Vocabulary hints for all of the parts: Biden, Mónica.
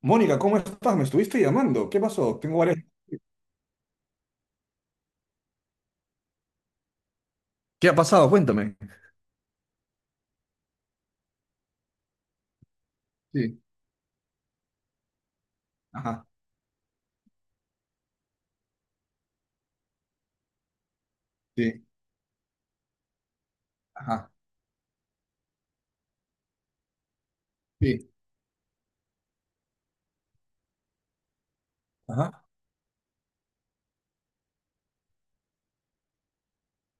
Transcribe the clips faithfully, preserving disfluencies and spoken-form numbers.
Mónica, ¿cómo estás? Me estuviste llamando. ¿Qué pasó? Tengo varias... ¿Qué ha pasado? Cuéntame. Sí, ajá, sí, ajá, sí, ajá.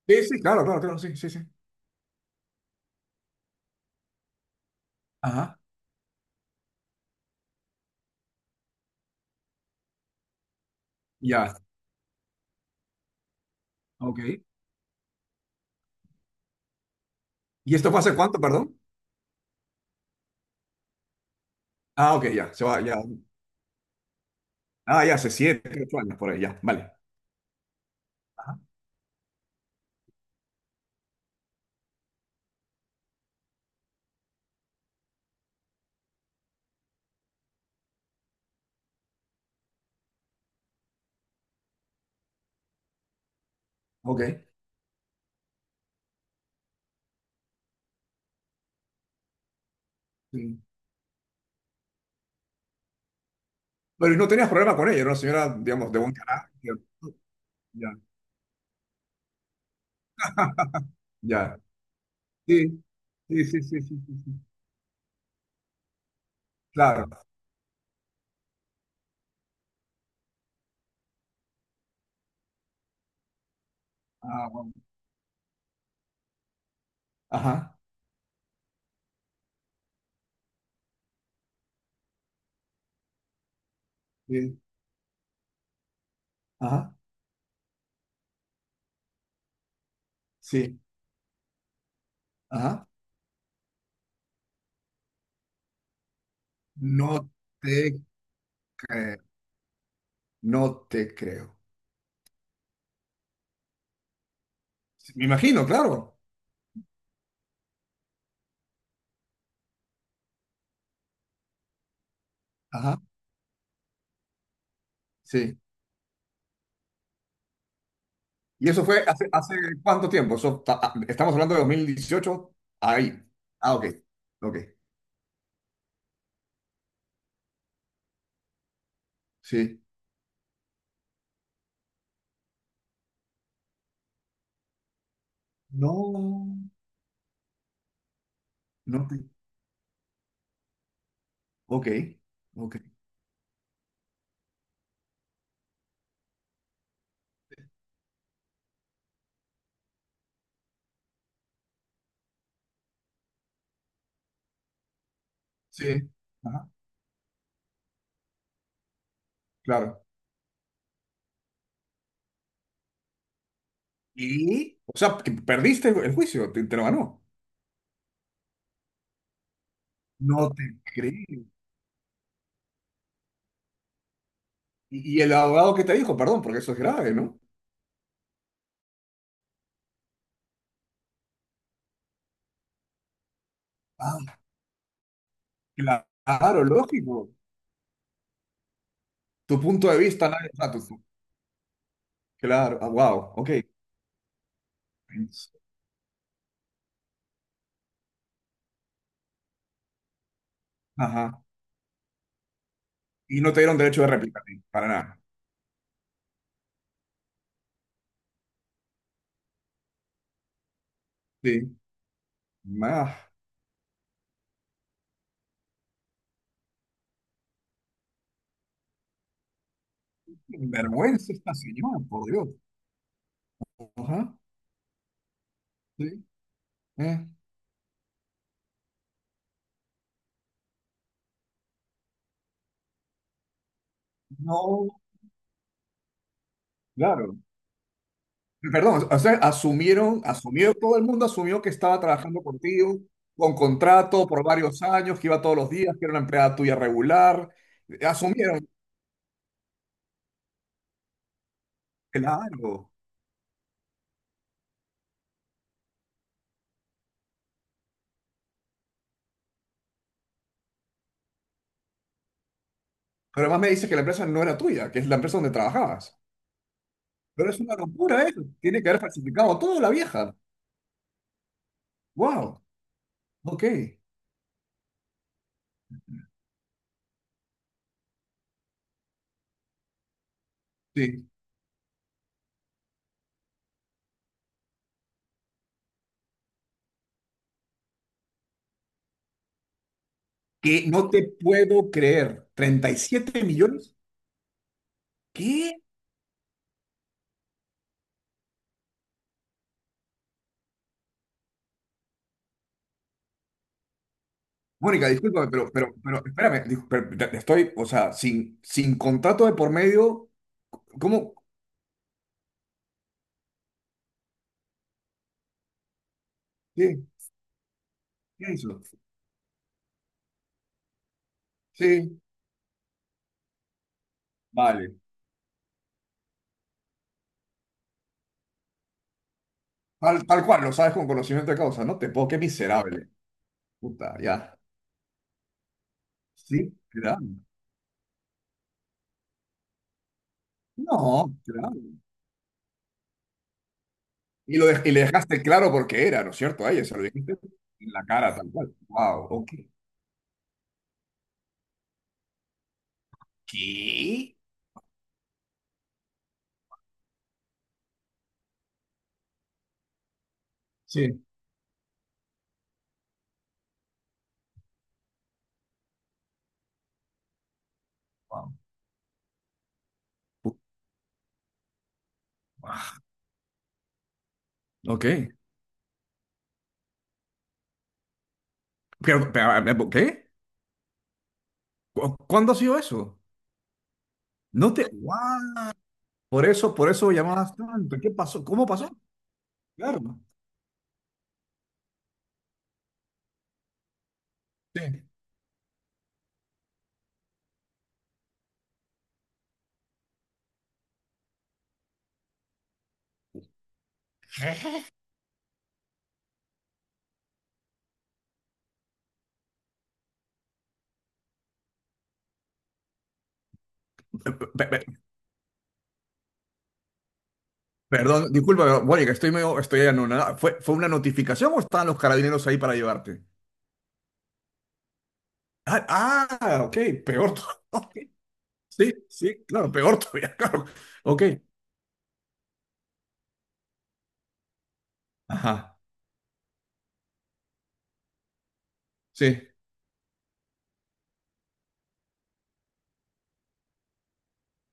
Sí, sí, claro, claro, claro, sí, sí, sí. Ajá, ya, ok. ¿Y esto fue hace cuánto, perdón? Ah, ok, ya, se va, ya. Ah, ya, hace siete, ocho años por ahí, ya, vale. Ajá, ok. Sí. Pero no tenías problema con ella, era una señora, digamos, de buen carácter. Ya, ya. Sí, sí, sí, sí, sí, sí, sí. Claro. Ah, bueno. Ajá, sí, ajá, sí, ajá. No te creo. No te creo. Me imagino, claro. Ajá, sí. ¿Y eso fue hace, hace cuánto tiempo? Eso ta- ah, estamos hablando de dos mil dieciocho. Ahí. Ah, ok. Ok. Sí. No, no te. Ok, ok. Sí. Ajá. Claro. Y, o sea, que perdiste el, el juicio, te, te lo ganó. No te creo. Y, y el abogado que te dijo, perdón, porque eso es grave, ¿no? Ah, claro, lógico. Tu punto de vista, nadie- o sea, tu. Claro, ah, wow, ok. Ajá. Y no te dieron derecho de réplica, sí, para nada. Sí. Más vergüenza esta señora, por Dios. Ajá. Sí. Eh, No, claro. Perdón, o sea, asumieron, asumió, todo el mundo asumió que estaba trabajando contigo, con contrato por varios años, que iba todos los días, que era una empleada tuya regular. Asumieron, claro. Pero además me dices que la empresa no era tuya, que es la empresa donde trabajabas. Pero es una locura eso. Tiene que haber falsificado todo la vieja. Wow. Ok. Sí. Que no te puedo creer. ¿Treinta y siete millones? ¿Qué? Mónica, discúlpame, pero, pero, pero espérame, dis- pero te- te estoy, o sea, sin, sin contrato de por medio, ¿cómo? Sí, ¿qué hizo? Sí, vale. Tal, tal cual, lo sabes con conocimiento de causa, ¿no? Te puedo, qué miserable. Puta, ya. Sí, claro. No, claro. Y, lo de- y le dejaste claro por qué era, ¿no es cierto? A ella se lo dijiste en la cara, tal cual. Wow, ok. ¿Qué? Sí. Wow. Ok. Pero, pero, ¿qué? ¿Cu- ¿Cuándo ha sido eso? No te. What? Por eso, por eso llamabas tanto. ¿Qué pasó? ¿Cómo pasó? Claro. Sí. Pe- pe- pe- Perdón, disculpa, pero, bueno, que estoy medio, estoy anonadado. ¿Fue, fue una notificación o estaban los carabineros ahí para llevarte? Ah, ah, ok, peor todavía. Ok. Sí, sí, claro, peor todavía, claro. Ok, ajá, sí.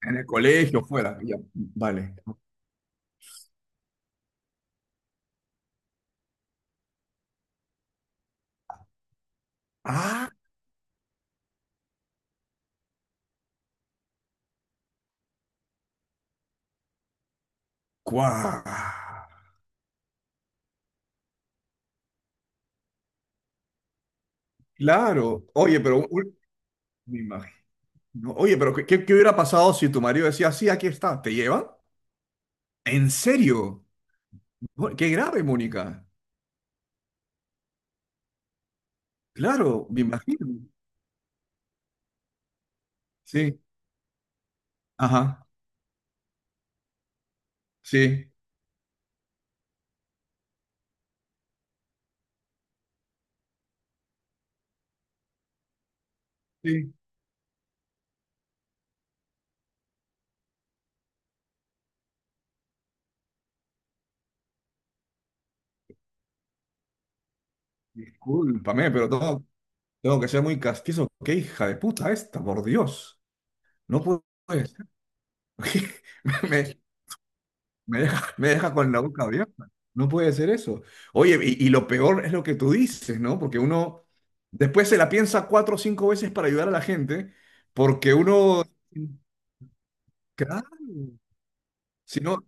En el colegio, fuera, ya, vale. Ah, cuá. Claro, oye, pero un- me imagino. No, oye, pero ¿qué, qué- qué hubiera pasado si tu marido decía, sí, aquí está, ¿te llevan? ¿En serio? Mo- Qué grave, Mónica. Claro, me imagino. Sí, ajá, sí, sí. Discúlpame, pero tengo, tengo que ser muy castizo. Qué hija de puta esta, por Dios. No pu- puede ser. Me, me deja, me deja con la boca abierta. No puede ser eso. Oye, y, y lo peor es lo que tú dices, ¿no? Porque uno después se la piensa cuatro o cinco veces para ayudar a la gente, porque uno... Claro. Si no,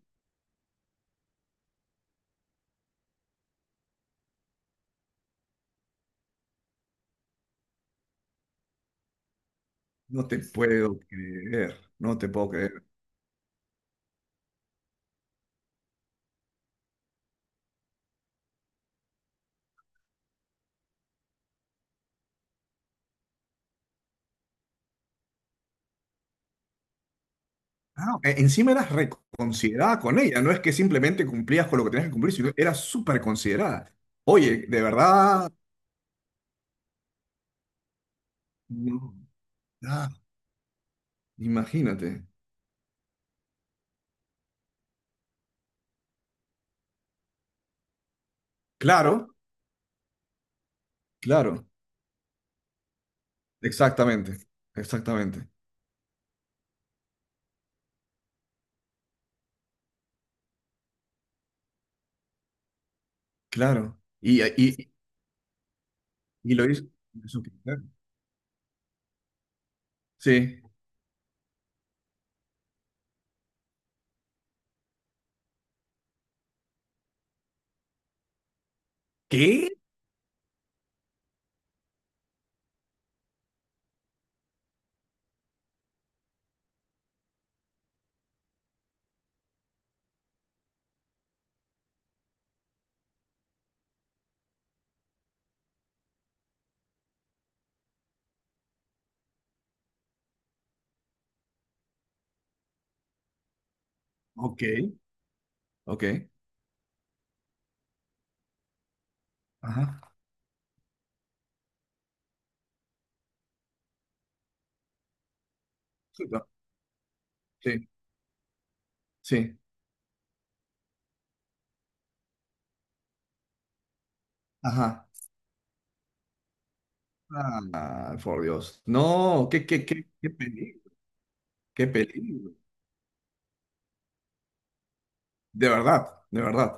no te puedo creer, no te puedo creer. Ah, e- encima eras reconsiderada con ella, no es que simplemente cumplías con lo que tenías que cumplir, sino eras súper considerada. Oye, de verdad, no, ah, imagínate. Claro, claro, exactamente, exactamente, claro. Y, y, y lo hizo. Hizo que- claro. Sí. ¿Qué? Ok, ok. Ajá. Sí, claro, sí, sí. Ajá. Ah, por Dios. No, qué, qué, qué, qué peligro, qué peligro. De verdad, de verdad.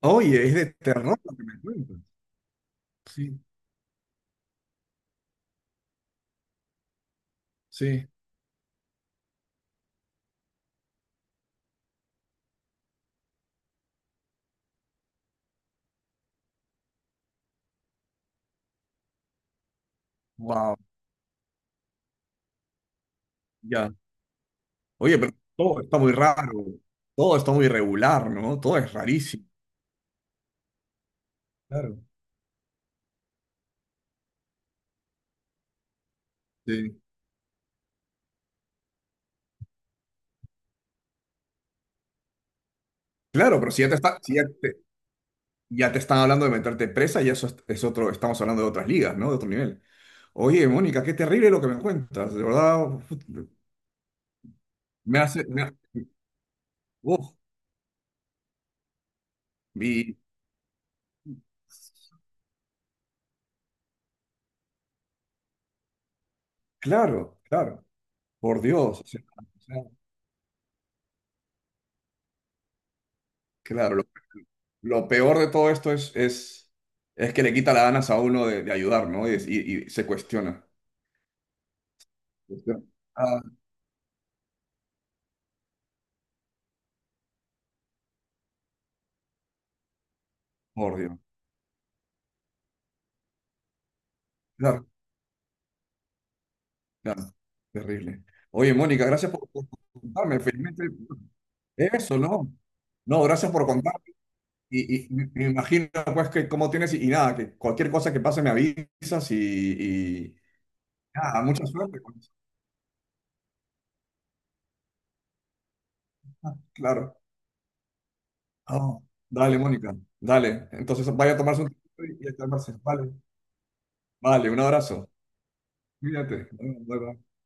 Oye, es de terror lo que me cuentas. Sí, sí. Wow, ya. Oye, pero todo está muy raro. Todo está muy irregular, ¿no? Todo es rarísimo. Claro. Sí. Claro, pero si ya te está, si ya te, ya te están hablando de meterte presa, y eso es, es otro, estamos hablando de otras ligas, ¿no? De otro nivel. Oye, Mónica, qué terrible lo que me cuentas. De verdad, me hace, me ha- uf, y- claro, claro, por Dios. o sea, o sea, claro, lo, lo peor de todo esto es, es, es que le quita las ganas a uno de, de ayudar, ¿no? Y, y- y se cuestiona. Cuestiona. Ah, por Dios. Claro, claro, terrible. Oye, Mónica, gracias por, por contarme. Felizmente, eso, ¿no? No, gracias por contarme. Y, y me me imagino, pues, que cómo tienes y, y nada, que cualquier cosa que pase me avisas y, y nada, mucha suerte con eso. Claro. Ah, dale, Mónica, dale. Entonces vaya a tomarse un tiempo y a calmarse. Vale, vale, un abrazo. Cuídate. Bueno, bye, bye.